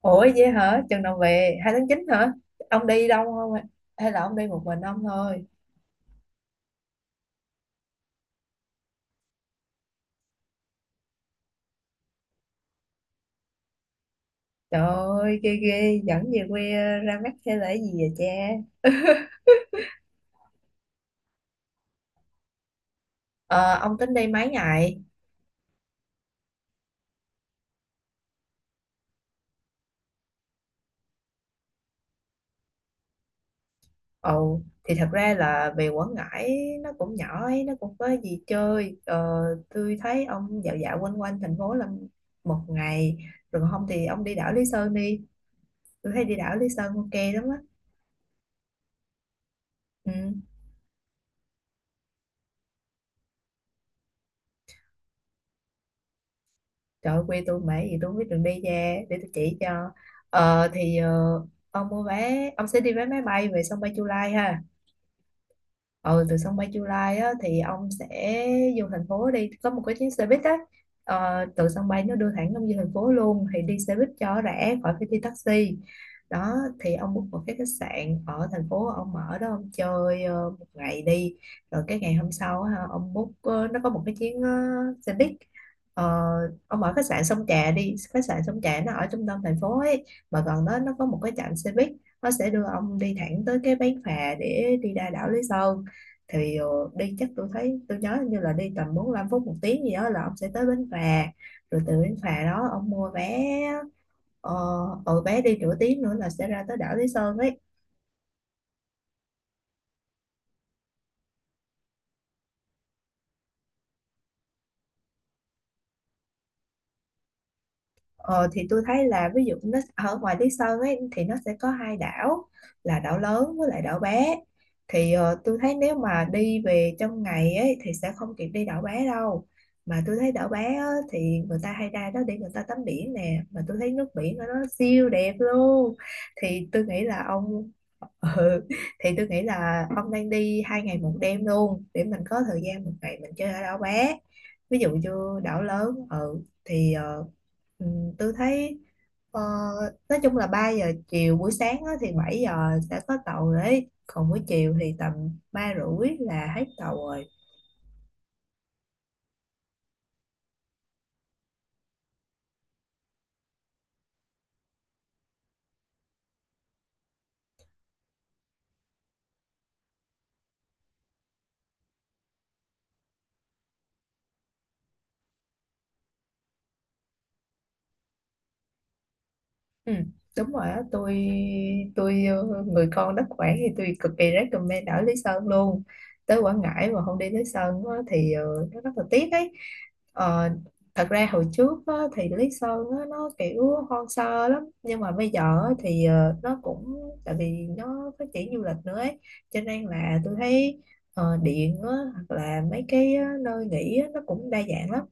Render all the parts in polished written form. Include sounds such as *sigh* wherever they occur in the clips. Ủa vậy hả? Chừng nào về? 2/9 hả? Ông đi đâu không? Hay là ông đi một mình ông thôi? Trời ơi, ghê ghê, dẫn về quê ra mắt hay là cái gì vậy cha? Ờ, ông tính đi mấy ngày? Ồ, thì thật ra là về Quảng Ngãi nó cũng nhỏ ấy, nó cũng có gì chơi. Ờ, tôi thấy ông dạo dạo quanh quanh thành phố là một ngày. Rồi còn không thì ông đi đảo Lý Sơn đi. Tôi thấy đi đảo Lý Sơn ok lắm á. Ừ. Trời ơi, quê tôi mãi gì tôi không biết đường đi ra để tôi chỉ cho. ờ thì ờ, ông mua vé ông sẽ đi vé máy bay về sân bay Chu Lai ha. Ờ Từ sân bay Chu Lai á, thì ông sẽ vô thành phố, đi có một cái chuyến xe buýt á. Từ sân bay nó đưa thẳng ông vô thành phố luôn, thì đi xe buýt cho rẻ, khỏi phải đi taxi đó. Thì ông book một cái khách sạn ở thành phố, ông ở đó ông chơi một ngày đi. Rồi cái ngày hôm sau á, ha, ông book, nó có một cái chuyến xe buýt. Ờ, ông ở khách sạn Sông Trà đi, khách sạn Sông Trà nó ở trung tâm thành phố ấy, mà gần đó nó có một cái trạm xe buýt, nó sẽ đưa ông đi thẳng tới cái bến phà để đi ra đảo Lý Sơn. Thì đi chắc tôi thấy tôi nhớ như là đi tầm 45 phút một tiếng gì đó là ông sẽ tới bến phà. Rồi từ bến phà đó ông mua vé, ờ, bé đi nửa tiếng nữa là sẽ ra tới đảo Lý Sơn ấy. Ờ, thì tôi thấy là ví dụ nó ở ngoài Lý Sơn ấy thì nó sẽ có hai đảo, là đảo lớn với lại đảo bé. Tôi thấy nếu mà đi về trong ngày ấy thì sẽ không kịp đi đảo bé đâu. Mà tôi thấy đảo bé á, thì người ta hay ra đó để người ta tắm biển nè, mà tôi thấy nước biển ở đó siêu đẹp luôn. Thì tôi nghĩ là ông *laughs* ừ, thì tôi nghĩ là ông nên đi 2 ngày 1 đêm luôn để mình có thời gian một ngày mình chơi ở đảo bé, ví dụ như đảo lớn. Ừ, tôi thấy ờ, nói chung là 3 giờ chiều, buổi sáng á, thì 7 giờ sẽ có tàu đấy, còn buổi chiều thì tầm 3 rưỡi là hết tàu rồi. Ừ, đúng rồi á. Tôi người con đất Quảng thì tôi cực kỳ recommend ở Lý Sơn luôn. Tới Quảng Ngãi mà không đi Lý Sơn á, thì nó rất là tiếc ấy. Ờ, thật ra hồi trước á, thì Lý Sơn á, nó kiểu hoang sơ lắm, nhưng mà bây giờ á, thì nó cũng tại vì nó phát triển du lịch nữa ấy, cho nên là tôi thấy điện á, hoặc là mấy cái nơi nghỉ á, nó cũng đa dạng lắm.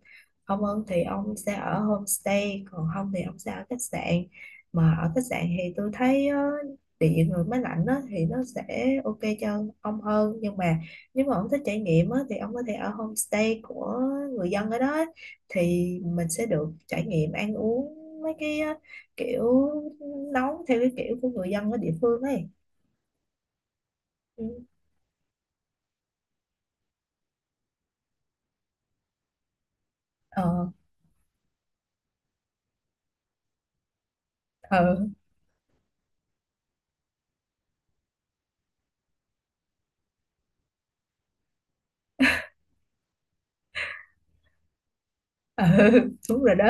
Ông ơn thì ông sẽ ở homestay, còn không thì ông sẽ ở khách sạn. Mà ở khách sạn thì tôi thấy á, địa nhiệt người máy lạnh á, thì nó sẽ ok cho ông hơn, nhưng mà nếu mà ông thích trải nghiệm á, thì ông có thể ở homestay của người dân ở đó á. Thì mình sẽ được trải nghiệm ăn uống mấy cái á, kiểu nấu theo cái kiểu của người dân ở địa phương ấy. Ừ. Ờ. Ờ. Ờ. *laughs* Đúng rồi đó.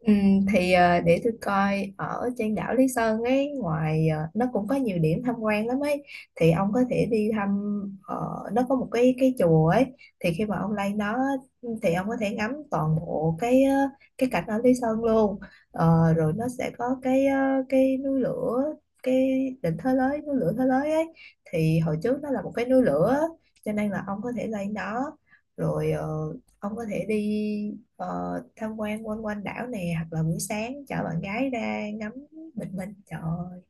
Ừ, để tôi coi ở trên đảo Lý Sơn ấy, ngoài nó cũng có nhiều điểm tham quan lắm ấy. Thì ông có thể đi thăm, ờ, nó có một cái chùa ấy. Thì khi mà ông lên đó thì ông có thể ngắm toàn bộ cái cái cảnh ở Lý Sơn luôn. Ờ, rồi nó sẽ có cái cái núi lửa, cái đỉnh Thới Lới, núi lửa Thới Lới ấy. Thì hồi trước nó là một cái núi lửa, cho nên là ông có thể lên đó rồi ông có thể đi tham quan quanh quanh đảo nè, hoặc là buổi sáng chở bạn gái ra ngắm bình minh. Trời ơi,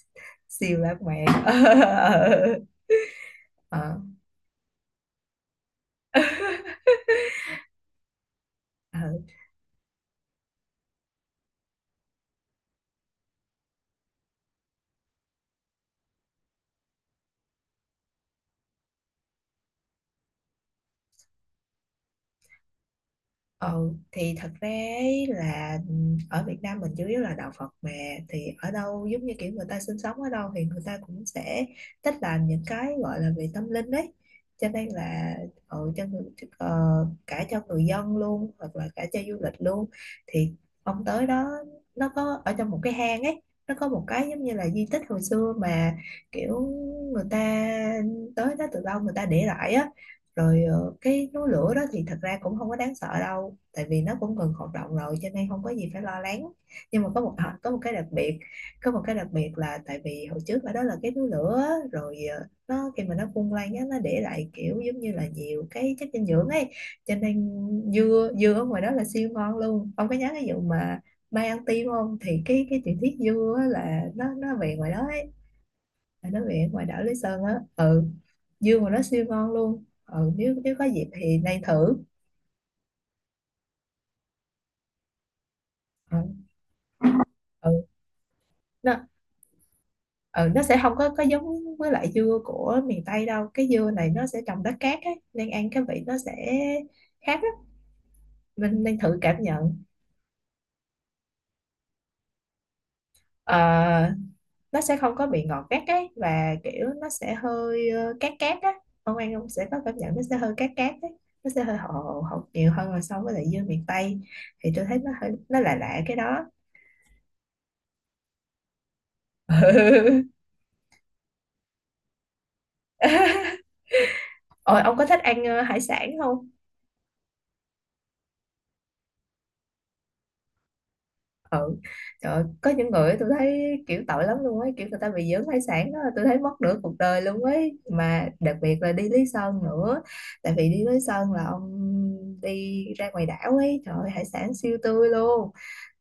*laughs* siêu lãng mạn. *laughs* Ờ. Ờ. Ừ, thì thật ra ấy là ở Việt Nam mình chủ yếu là đạo Phật mà, thì ở đâu giống như kiểu người ta sinh sống ở đâu thì người ta cũng sẽ thích làm những cái gọi là về tâm linh đấy. Cho nên là ừ, cho người, ờ, cả cho người dân luôn hoặc là cả cho du lịch luôn. Thì ông tới đó, nó có ở trong một cái hang ấy, nó có một cái giống như là di tích hồi xưa mà, kiểu người ta tới đó từ lâu người ta để lại á. Rồi cái núi lửa đó thì thật ra cũng không có đáng sợ đâu, tại vì nó cũng ngừng hoạt động rồi, cho nên không có gì phải lo lắng. Nhưng mà có một có một cái đặc biệt, có một cái đặc biệt là tại vì hồi trước ở đó là cái núi lửa á, rồi nó khi mà nó phun lên á, nó để lại kiểu giống như là nhiều cái chất dinh dưỡng ấy. Cho nên dưa dưa ở ngoài đó là siêu ngon luôn. Ông có nhớ cái vụ mà mai ăn tim không, thì cái truyền thuyết dưa á là nó về ngoài đó ấy, tại nó biển ngoài đảo Lý Sơn á. Ừ, dưa mà nó siêu ngon luôn. Ừ, nếu nếu có dịp thì nên thử. Ừ. Ừ. nó ừ, nó sẽ không có có giống với lại dưa của miền Tây đâu. Cái dưa này nó sẽ trồng đất cát ấy, nên ăn cái vị nó sẽ khác lắm. Mình nên thử cảm nhận. Ờ, nó sẽ không có bị ngọt gắt ấy, và kiểu nó sẽ hơi cát cát á. Ông ăn ông sẽ có cảm nhận nó sẽ hơi cát cát ấy. Nó sẽ hơi hậu hậu nhiều hơn là so với lại dưa miền Tây. Thì tôi thấy nó hơi nó lạ lạ cái đó. Ừ. Ôi, ông có thích ăn hải sản không? Ừ. Trời ơi, có những người tôi thấy kiểu tội lắm luôn ấy, kiểu người ta bị dưỡng hải sản đó, tôi thấy mất nửa cuộc đời luôn ấy. Mà đặc biệt là đi Lý Sơn nữa, tại vì đi Lý Sơn là ông đi ra ngoài đảo ấy, trời ơi, hải sản siêu tươi luôn.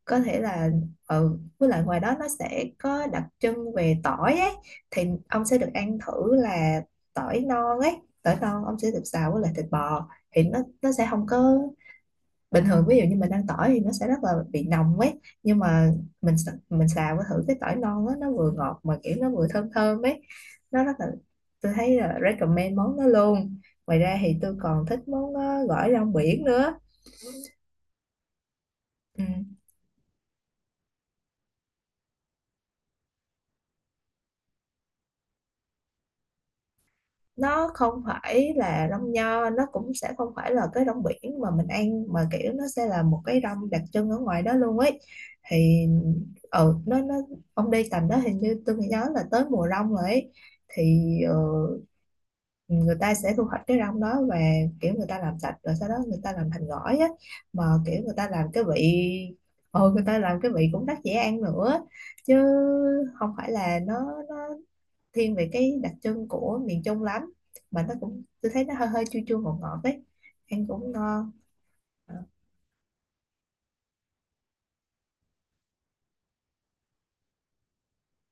Có thể là ừ, với lại ngoài đó nó sẽ có đặc trưng về tỏi ấy, thì ông sẽ được ăn thử là tỏi non ấy. Tỏi non ông sẽ được xào với lại thịt bò, thì nó sẽ không có bình thường. Ví dụ như mình ăn tỏi thì nó sẽ rất là bị nồng ấy, nhưng mà mình mình xào với thử cái tỏi non á, nó vừa ngọt mà kiểu nó vừa thơm thơm ấy. Nó rất là, tôi thấy là recommend món đó luôn. Ngoài ra thì tôi còn thích món gỏi rong biển nữa. Ừ. Nó không phải là đông nho, nó cũng sẽ không phải là cái rong biển mà mình ăn, mà kiểu nó sẽ là một cái rong đặc trưng ở ngoài đó luôn ấy. Thì nó ông đi tầm đó hình như tôi nhớ là tới mùa rong rồi ấy. Thì ờ, người ta sẽ thu hoạch cái rong đó, và kiểu người ta làm sạch rồi sau đó người ta làm thành gỏi á. Mà kiểu người ta làm cái vị, người ta làm cái vị cũng rất dễ ăn nữa. Chứ không phải là nó thiên về cái đặc trưng của miền Trung lắm. Mà nó cũng, tôi thấy nó hơi hơi chua chua ngọt ngọt ấy, ăn cũng ngon.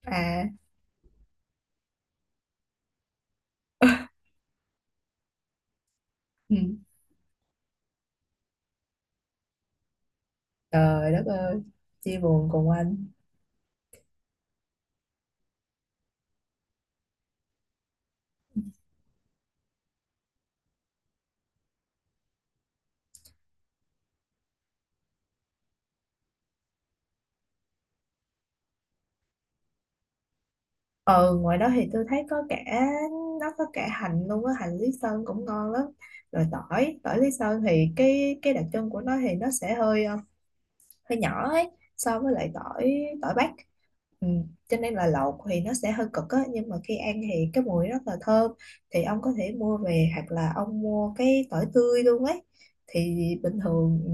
À. Ừ. Trời đất ơi, chia buồn cùng anh. Ừ, ngoài đó thì tôi thấy có cả, nó có cả hành luôn á, hành Lý Sơn cũng ngon lắm. Rồi tỏi, tỏi Lý Sơn thì cái đặc trưng của nó thì nó sẽ hơi hơi nhỏ ấy, so với lại tỏi, tỏi Bắc. Ừ. Cho nên là lẩu thì nó sẽ hơi cực á, nhưng mà khi ăn thì cái mùi rất là thơm. Thì ông có thể mua về, hoặc là ông mua cái tỏi tươi luôn ấy. Thì bình thường ừ,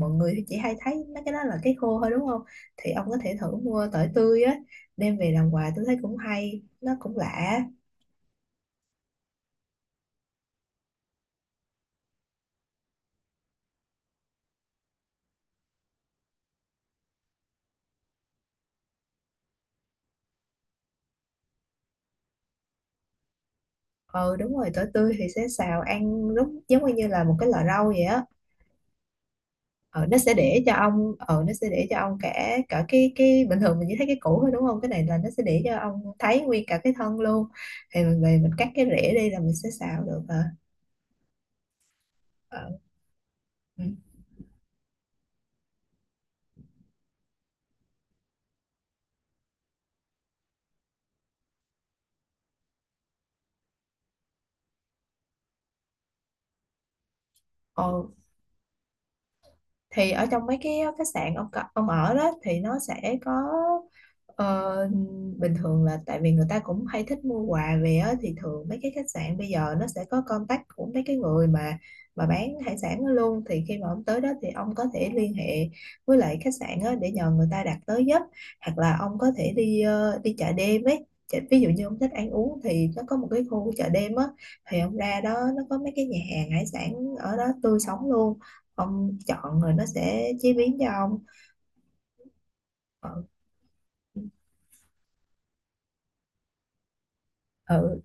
mọi người thì chỉ hay thấy mấy cái đó là cái khô thôi đúng không. Thì ông có thể thử mua tỏi tươi á, đem về làm quà, tôi thấy cũng hay, nó cũng lạ. Ừ đúng rồi, tỏi tươi thì sẽ xào ăn lúc giống như là một cái lò rau vậy á. Ờ, nó sẽ để cho ông nó sẽ để cho ông cả, cả cái bình thường mình chỉ thấy cái củ thôi đúng không, cái này là nó sẽ để cho ông thấy nguyên cả cái thân luôn. Thì mình về mình cắt cái rễ đi là mình sẽ xào được hả. Ờ. Ừ. Ờ, thì ở trong mấy cái khách sạn ông ông ở đó thì nó sẽ có ờ, bình thường là tại vì người ta cũng hay thích mua quà về á, thì thường mấy cái khách sạn bây giờ nó sẽ có contact của mấy cái người mà bán hải sản đó luôn. Thì khi mà ông tới đó thì ông có thể liên hệ với lại khách sạn á, để nhờ người ta đặt tới giúp. Hoặc là ông có thể đi đi chợ đêm ấy. Ví dụ như ông thích ăn uống thì nó có một cái khu chợ đêm á, thì ông ra đó nó có mấy cái nhà hàng hải sản, ở đó tươi sống luôn, ông chọn rồi nó sẽ chế biến cho ông. Ờ. ừ,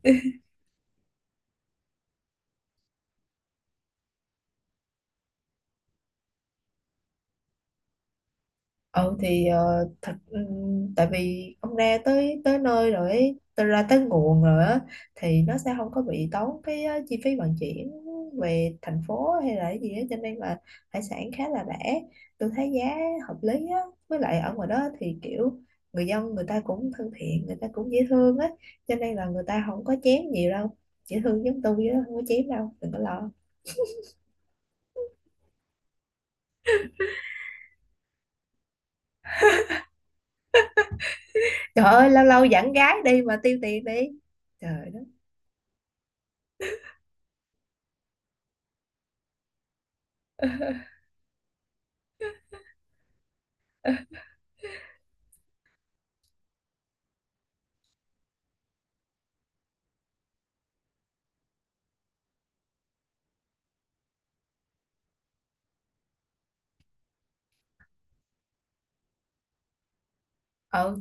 ừ, thật, ừ, tại vì ông ra tới tới nơi rồi ấy, tới, ra tới nguồn rồi á, thì nó sẽ không có bị tốn cái chi phí vận chuyển về thành phố hay là cái gì á, cho nên là hải sản khá là rẻ. Tôi thấy giá hợp lý á. Với lại ở ngoài đó thì kiểu người dân người ta cũng thân thiện, người ta cũng dễ thương á, cho nên là người ta không có chém nhiều đâu. Dễ thương giống tôi chứ không có chém đâu, đừng có lo. Trời ơi, lâu lâu dẫn gái đi mà tiêu tiền đi. Trời đất. Ờ,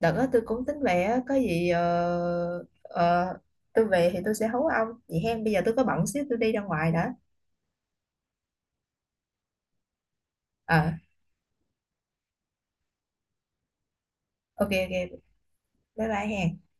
đợt đó tôi cũng tính về á, có gì tôi về thì tôi sẽ hấu ông. Vậy hen, bây giờ tôi có bận xíu tôi đi ra ngoài đã. Ờ, ok ok, bye bye hen.